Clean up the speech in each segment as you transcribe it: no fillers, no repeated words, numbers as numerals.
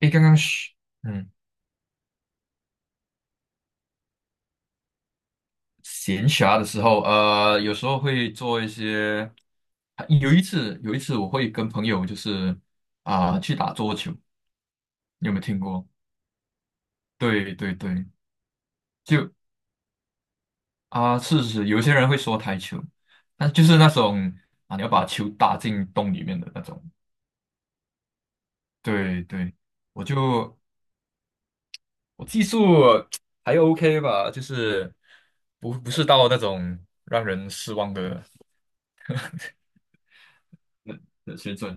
诶，刚刚是嗯闲暇的时候，有时候会做一些。有一次我会跟朋友去打桌球，你有没有听过？对对对，就是是，有些人会说台球，那就是那种你要把球打进洞里面的那种。对对，我就我技术还 OK 吧，就是不是到那种让人失望的水准。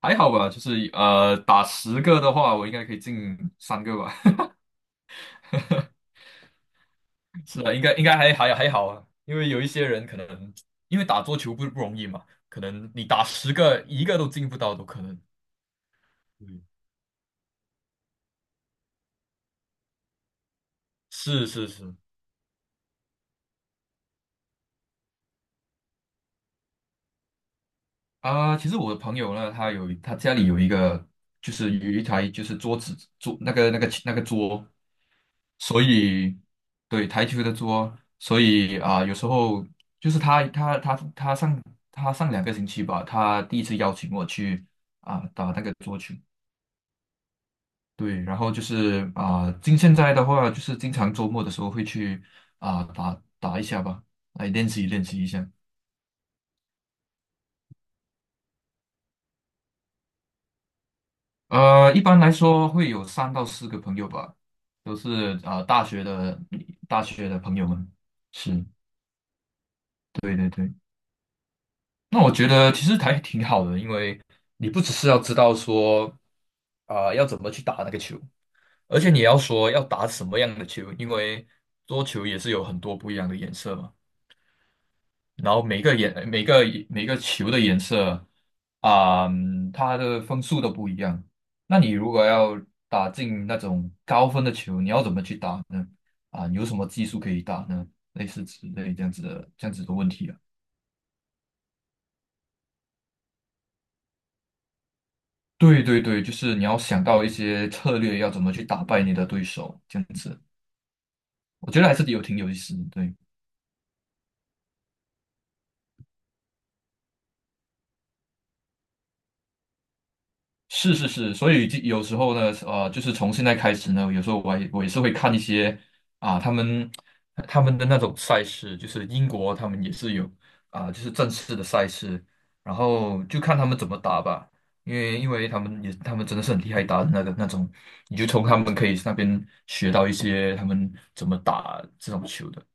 还好吧，就是打十个的话，我应该可以进三个吧。是啊，应该还好啊，因为有一些人可能因为打桌球不容易嘛，可能你打十个一个都进不到都可能。嗯是是是啊，其实我的朋友呢，他家里有一个，就是有一台就是桌子那个桌。所以对台球的桌，所以有时候就是他上两个星期吧，他第一次邀请我去打那个桌球，对，然后就是现在的话，就是经常周末的时候会去打打一下吧，来练习练习一下。一般来说会有3到4个朋友吧，都是大学的朋友们，是对对对。那我觉得其实还挺好的，因为你不只是要知道说要怎么去打那个球，而且你也要说要打什么样的球，因为桌球也是有很多不一样的颜色嘛。然后每个球的颜色它的分数都不一样。那你如果要打进那种高分的球，你要怎么去打呢？有什么技术可以打呢？类似之类这样子的问题。对对对，就是你要想到一些策略，要怎么去打败你的对手，这样子，我觉得还是有挺有意思的。对，是是是，所以就有时候呢，就是从现在开始呢，有时候我也是会看一些啊，他们他们的那种赛事，就是英国他们也是有就是正式的赛事，然后就看他们怎么打吧，因为他们真的是很厉害打的那个那种，你就从他们可以那边学到一些他们怎么打这种球的。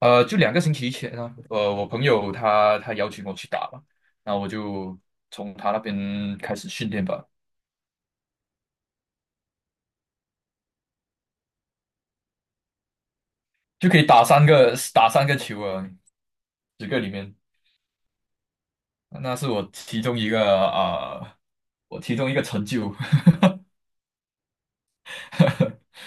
就2个星期前啊，我朋友他邀请我去打嘛，那我就从他那边开始训练吧，就可以打三个球啊，十个里面，那是我其中一个啊、呃成就。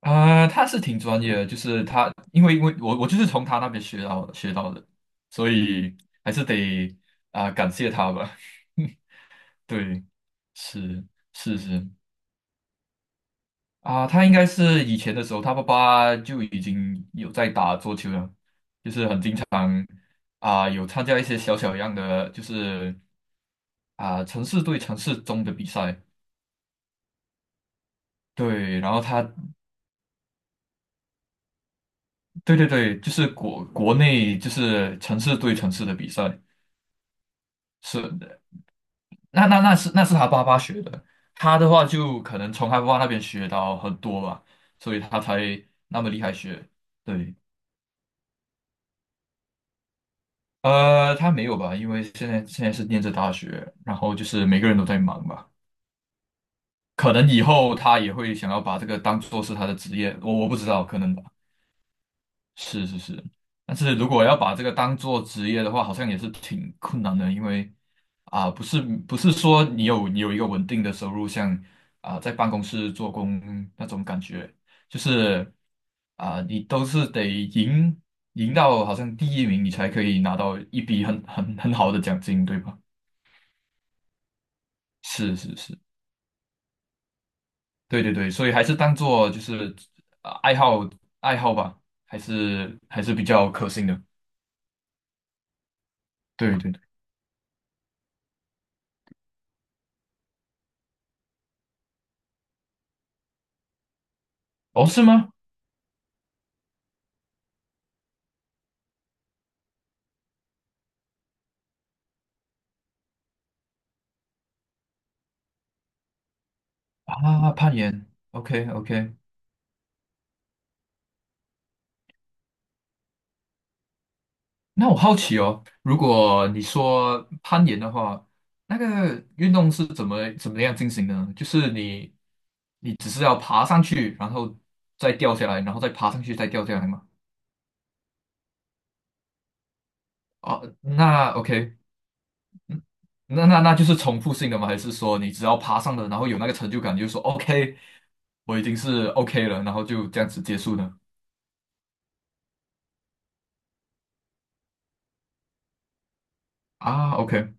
他是挺专业的，就是他，因为我就是从他那边学到的，所以还是得感谢他吧。对，是是是，他应该是以前的时候，他爸爸就已经有在打桌球了啊，有参加一些小小样的，就是城市对城市中的比赛。对，然后他，对对对，就是国内就是城市对城市的比赛，是的，那是他爸爸学的，他的话就可能从他爸爸那边学到很多吧，所以他才那么厉害学。对，他没有吧，因为现在是念着大学，然后就是每个人都在忙吧。可能以后他也会想要把这个当做是他的职业，我不知道，可能吧。是是是，但是如果要把这个当做职业的话，好像也是挺困难的，因为不是说你有一个稳定的收入，像在办公室做工那种感觉，就是你都是赢到好像第一名，你才可以拿到一笔很好的奖金，对吧？是是是。对对对，所以还是当做就是呃爱好爱好吧，还是比较可信的。对对对，哦，是吗？攀岩，OK OK。那我好奇哦，如果你说攀岩的话，那个运动是怎么样进行的呢？就是你只是要爬上去，然后再掉下来，然后再爬上去，再掉下来吗？哦，那 OK，嗯那就是重复性的吗？还是说你只要爬上了，然后有那个成就感，就说 OK，我已经是 OK 了，然后就这样子结束呢？OK，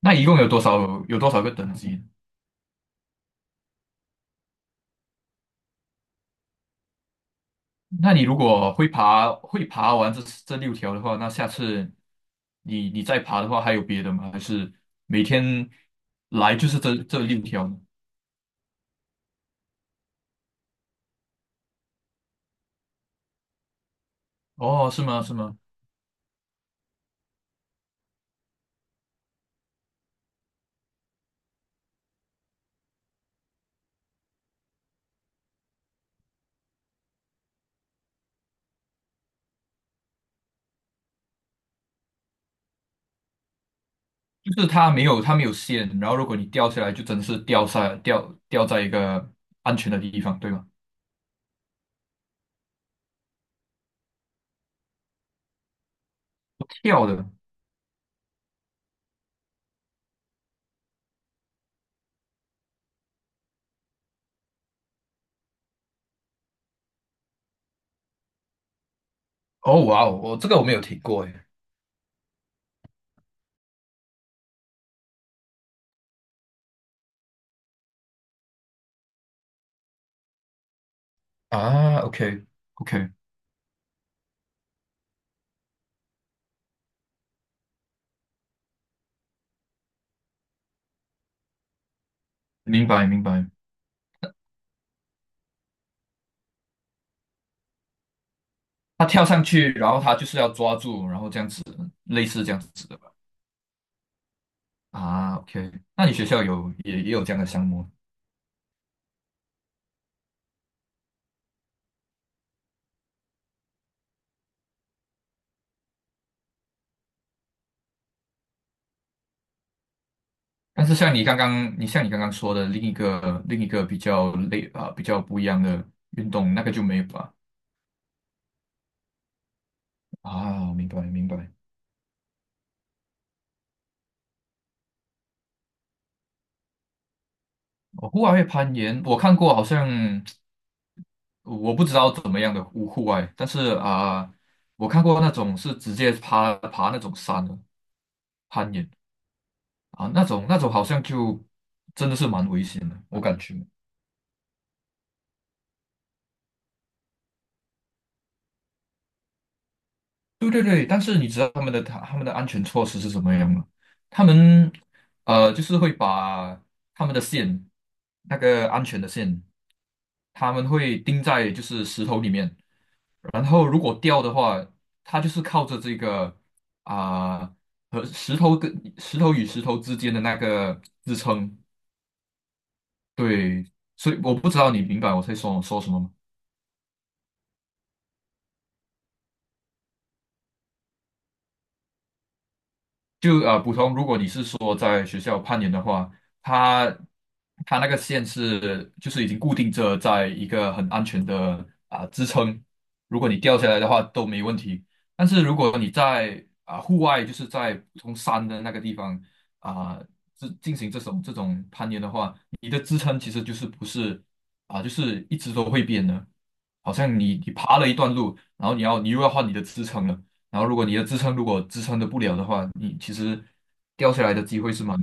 那一共有多少个等级？那你如果会爬完这六条的话，那下次你再爬的话，还有别的吗？还是每天来就是这六条呢？哦，是吗？是吗？就是它没有线，然后如果你掉下来，就真的是掉下掉掉在一个安全的地方，对吗？跳的。哦，哇哦，我这个我没有听过诶。OK OK，明白明白。他跳上去，然后他就是要抓住，然后这样子，类似这样子的吧。OK，那你学校也有这样的项目？但是像你刚刚，你像你刚刚说的另一个比较比较不一样的运动，那个就没有吧？明白明白。哦户外会攀岩，我看过，好像我不知道怎么样的户外，但是我看过那种是直接爬那种山的攀岩那种好像就真的是蛮危险的，我感觉。对对对，但是你知道他们的安全措施是什么样吗？他们就是会把他们的线，那个安全的线，他们会钉在就是石头里面，然后如果掉的话，它就是靠着这个啊、和石头跟石头与石头之间的那个支撑。对，所以我不知道你明白我在说说什么吗？普通，如果你是说在学校攀岩的话，它它那个线是就是已经固定着在一个很安全的支撑，如果你掉下来的话都没问题。但是如果你在户外，就是在普通山的那个地方啊、进行这种攀岩的话，你的支撑其实就是不是就是一直都会变的，好像你爬了一段路，然后你又要换你的支撑了。然后如果你的支撑支撑的不了的话，你其实掉下来的机会是蛮，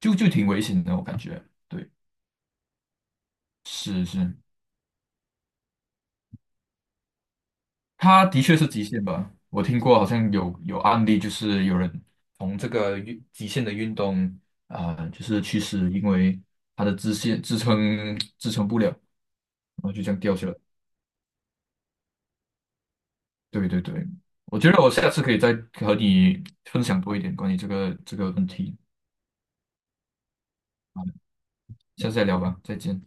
就挺危险的，我感觉。对，是是，它的确是极限吧。我听过好像有案例，就是有人从这个极限的运动就是去世，因为他的支撑不了，然后就这样掉下来。对对对，我觉得我下次可以再和你分享多一点关于这个问题，下次再聊吧，再见。